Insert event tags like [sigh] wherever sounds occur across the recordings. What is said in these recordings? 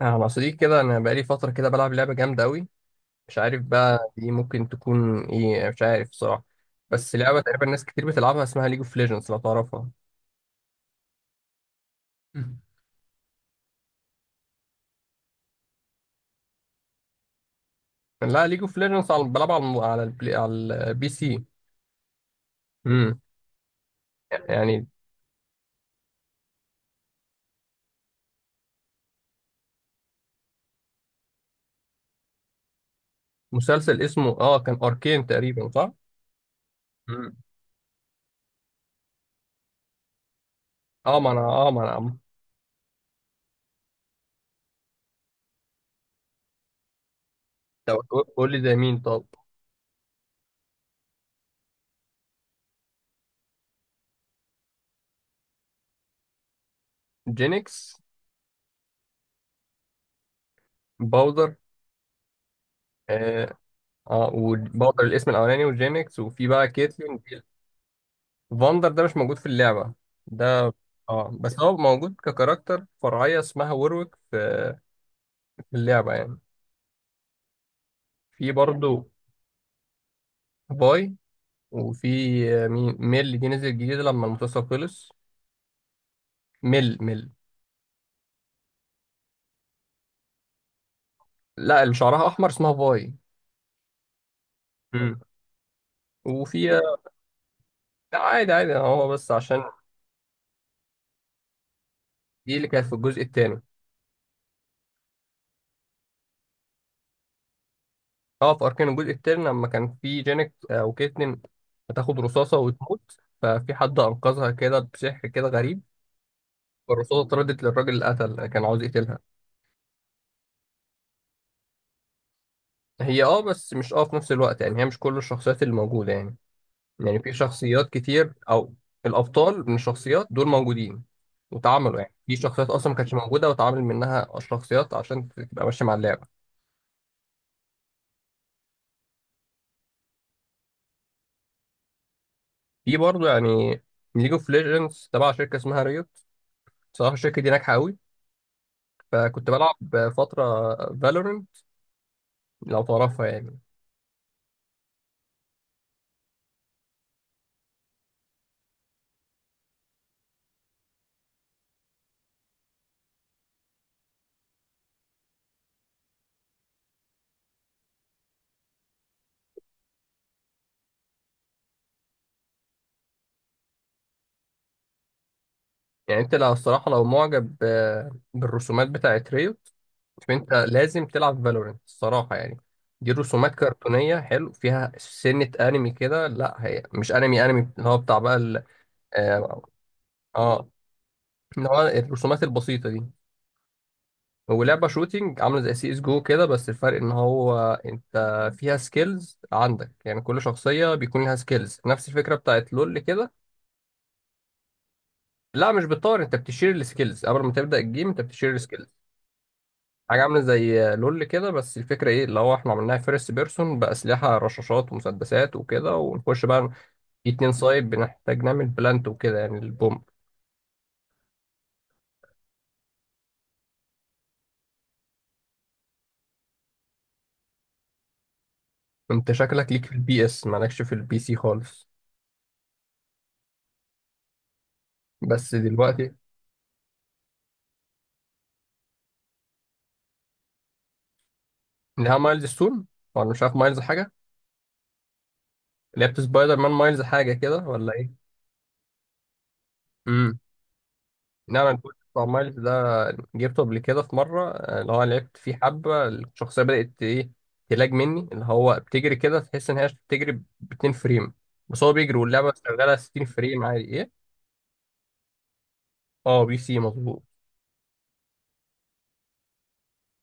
انا مع صديقي كده، انا بقالي فتره كده بلعب لعبه جامده قوي. مش عارف بقى دي ممكن تكون ايه، مش عارف صراحه. بس لعبه تقريبا ناس كتير بتلعبها، اسمها ليج اوف ليجندز، لو تعرفها. [laughs] مم. لا ليج اوف ليجندز على بلعبها على على البلاي على البي سي. امم. يعني مسلسل اسمه اه كان اركين تقريبا، صح؟ امم. اه ما انا اه ما انا آه، طب قول لي زي مين طب. جينكس. باودر. اه, آه، وباودر الاسم الاولاني، وجينكس، وفي بقى كيتلين. فاندر ده مش موجود في اللعبة ده. اه، بس هو موجود ككاركتر فرعية اسمها وورويك في في اللعبة يعني. في برضه باي. وفي مين ميل دي نزل جديد لما المسلسل خلص. ميل. لا، اللي شعرها احمر اسمها باي. مم. وفي لا، عادي هو بس عشان. دي اللي كانت في الجزء الثاني. اه في اركان الجزء الثاني، لما كان في جانيت وكيتلين هتاخد رصاصة وتموت، ففي حد انقذها كده بسحر كده غريب. الرصاصة اتردت للراجل اللي قتل، كان عاوز يقتلها. هي اه، بس مش اه في نفس الوقت يعني، هي مش كل الشخصيات اللي موجودة يعني. يعني في شخصيات كتير أو الأبطال من الشخصيات دول موجودين، واتعملوا يعني في شخصيات أصلا ما كانتش موجودة واتعمل منها الشخصيات عشان تبقى ماشية مع اللعبة. في برضه يعني ليج اوف ليجندز تبع شركة اسمها ريوت. صراحة الشركة دي ناجحة أوي، فكنت بلعب فترة فالورنت، لو تعرفها يعني. يعني أنت لو الصراحة لو معجب بالرسومات بتاعت ريوت، شوف انت لازم تلعب فالورنت الصراحه يعني. دي رسومات كرتونيه حلو فيها سنه انمي كده، لا هي مش انمي انمي اللي هو بتاع بقى اه آه، اللي هو الرسومات البسيطه دي. ولعبه شوتينج عامله زي سي اس جو كده، بس الفرق ان هو انت فيها سكيلز عندك، يعني كل شخصيه بيكون لها سكيلز نفس الفكره بتاعت لول كده. لا مش بتطور، انت بتشير السكيلز قبل ما تبدا الجيم، انت بتشير السكيلز. حاجة عاملة زي لول كده، بس الفكرة ايه اللي هو احنا عملناها فيرست بيرسون بأسلحة رشاشات ومسدسات وكده، ونخش بقى في اتنين سايد بنحتاج نعمل بلانت وكده يعني البوم. انت شكلك ليك في البي اس، مالكش في البي سي خالص. بس دلوقتي لها مايلز ستون ولا مش عارف مايلز حاجة. لعبت سبايدر مان مايلز حاجة كده ولا ايه؟ نعم الفول الصومالي ده. جبته قبل كده في مرة، اللي هو لعبت فيه حبة الشخصية بدأت إيه. تلاج مني اللي هو بتجري كده، تحس إن هي بتجري ب 2 فريم، بس هو بيجري واللعبة شغالة 60 فريم عادي إيه؟ أه بي سي مظبوط.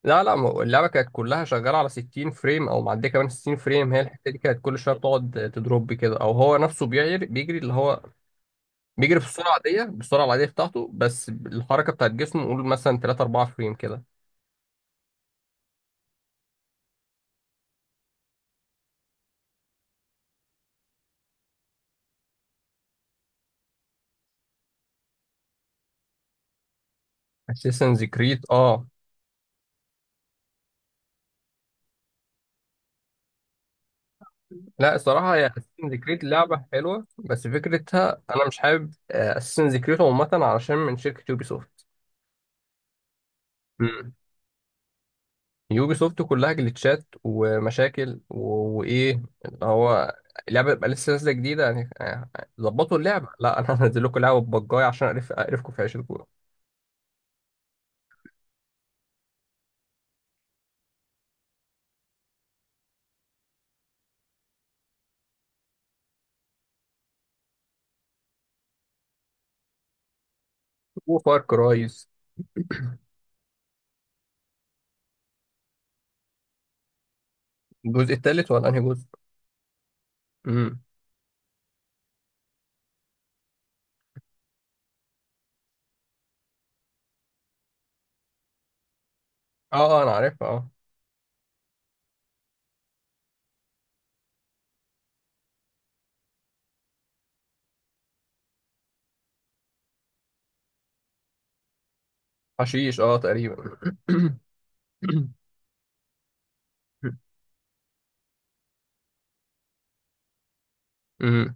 لا لا، ما هو اللعبة كانت كلها شغالة على 60 فريم أو معدية كمان 60 فريم، هي الحتة دي كانت كل شوية بتقعد تدروب كده، أو هو نفسه بيجري اللي هو بيجري بالسرعة العادية، بالسرعة العادية بتاعته، بس الحركة بتاعت جسمه قول مثلا 3 4 فريم كده. اساسنز كريد اه. لا الصراحة هي اساسن كريد لعبة حلوة، بس فكرتها أنا مش حابب اساسن كريد عامة علشان من شركة يوبي سوفت. مم. يوبي سوفت كلها جليتشات ومشاكل وإيه اللي هو اللعبة تبقى لسه نازلة جديدة يعني يعني ظبطوا اللعبة. لا أنا [laughs] هنزل لكم لعبة بجاية عشان أعرف أعرفكم في عيشتكم. وفار كرايز. الجزء التالت ولا أنهي جزء؟ مم. آه أنا عارفها آه. حشيش آه تقريبا. [coughs] مم.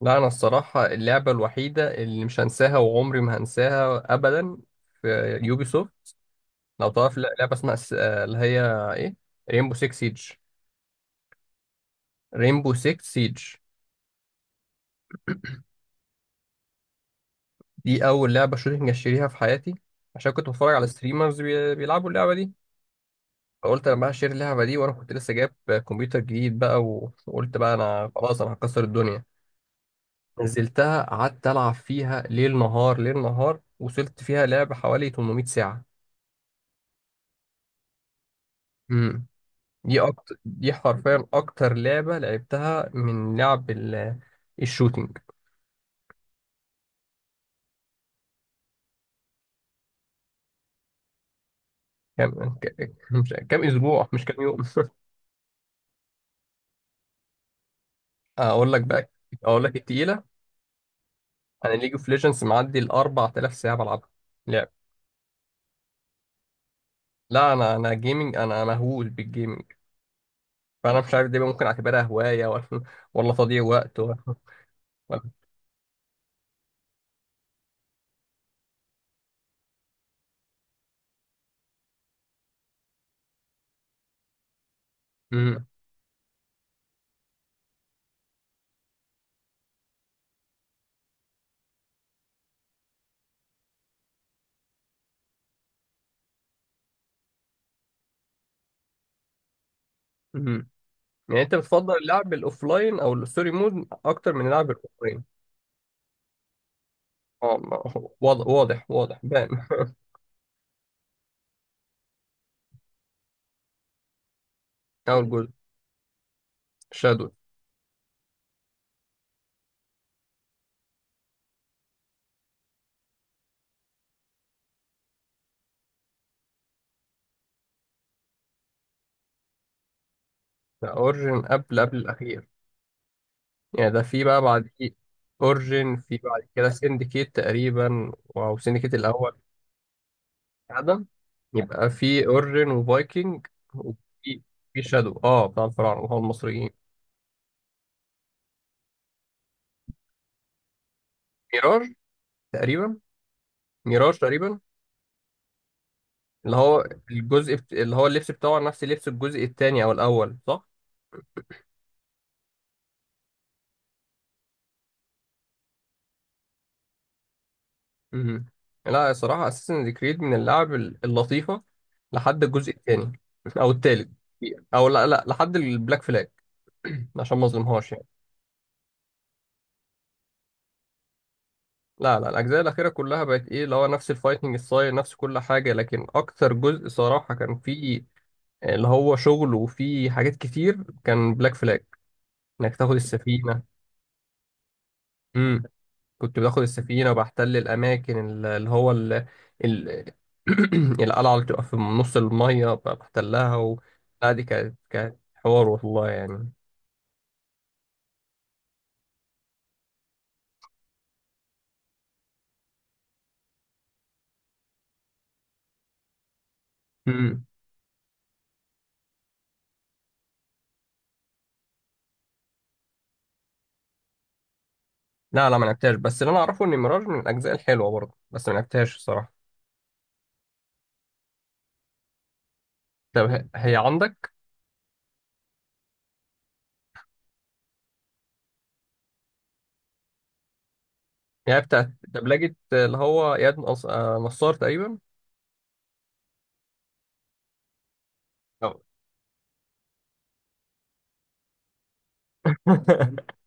لا انا الصراحه اللعبه الوحيده اللي مش هنساها وعمري ما هنساها ابدا في يوبي سوفت، لو تعرف لعبه اسمها اللي هي ايه، رينبو 6 سيج. رينبو 6 سيج دي اول لعبه شوتنج اشتريها في حياتي، عشان كنت بتفرج على ستريمرز بيلعبوا اللعبه دي. فقلت انا بقى هشتري اللعبه دي، وانا كنت لسه جايب كمبيوتر جديد بقى وقلت بقى انا خلاص انا هكسر الدنيا. نزلتها قعدت العب فيها ليل نهار ليل نهار، وصلت فيها لعبه حوالي 800 ساعه. امم. دي أكتر، دي حرفيا أكتر لعبة لعبتها من لعب الشوتينج. مش كام أسبوع مش كام يوم [laughs] أقول لك بقى، أقول لك التقيلة، أنا ليج اوف ليجندز معدي ال 4000 ساعة بلعبها لعب. لا أنا، أنا جيمنج، أنا مهووس بالجيمنج. فأنا مش عارف دي بقى ممكن أعتبرها هواية ولا [laughs] ولا تضييع وقت ولا [laughs] ولا. مم. مم. يعني أنت بتفضل اللعب الأوفلاين أو الستوري مود أكتر من اللعب الأوفلاين. اه ما هو- واضح واضح واضح بان. [laughs] أول جزء شادو. ده اورجن قبل قبل الاخير. يعني ده في بقى بعد اورجن، في بعد كده سندكيت تقريبا او سندكيت الاول. ادم. يبقى في اورجن وفايكنج وفي في شادو اه بتاع الفراعنه اللي هو المصريين. ميراج تقريبا. ميراج تقريبا. اللي هو اللي هو اللبس بتاعه نفس لبس الجزء الثاني او الاول، صح؟ امم. لا الصراحه اساسن كريد من اللعب اللطيفه لحد الجزء الثاني او الثالث. او لا لا، لحد البلاك فلاج. [clears throat] عشان ما اظلمهاش يعني. لا لا، الاجزاء الاخيره كلها بقت ايه اللي هو نفس الفايتنج ستايل نفس كل حاجه، لكن اكتر جزء صراحه كان فيه اللي هو شغل وفيه حاجات كتير كان بلاك فلاج. انك تاخد السفينه. امم. كنت باخد السفينه وبحتل الاماكن اللي هو ال... [clears throat] القلعه اللي بتبقى في نص الميه بحتلها و... لا دي كانت كانت حوار والله يعني. امم. لا لا، ما لعبتهاش، بس اللي انا اعرفه ان ميراج من الاجزاء الحلوه برضه، بس ما لعبتهاش الصراحه. طب هي هي عندك؟ يعني بتاعت دبلجة اللي هو إياد نصار تقريبا. أو- [laughs]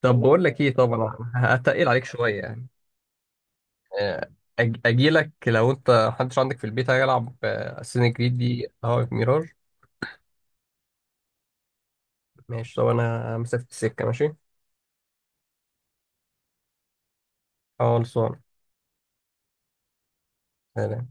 طب بقول لك ايه، طبعا هتقل عليك شويه يعني. اجي لك لو انت محدش عندك في البيت هيلعب اساسن كريد دي هواك ميراج. ماشي، طب انا مسافه السكه ماشي. خلصان. سلام.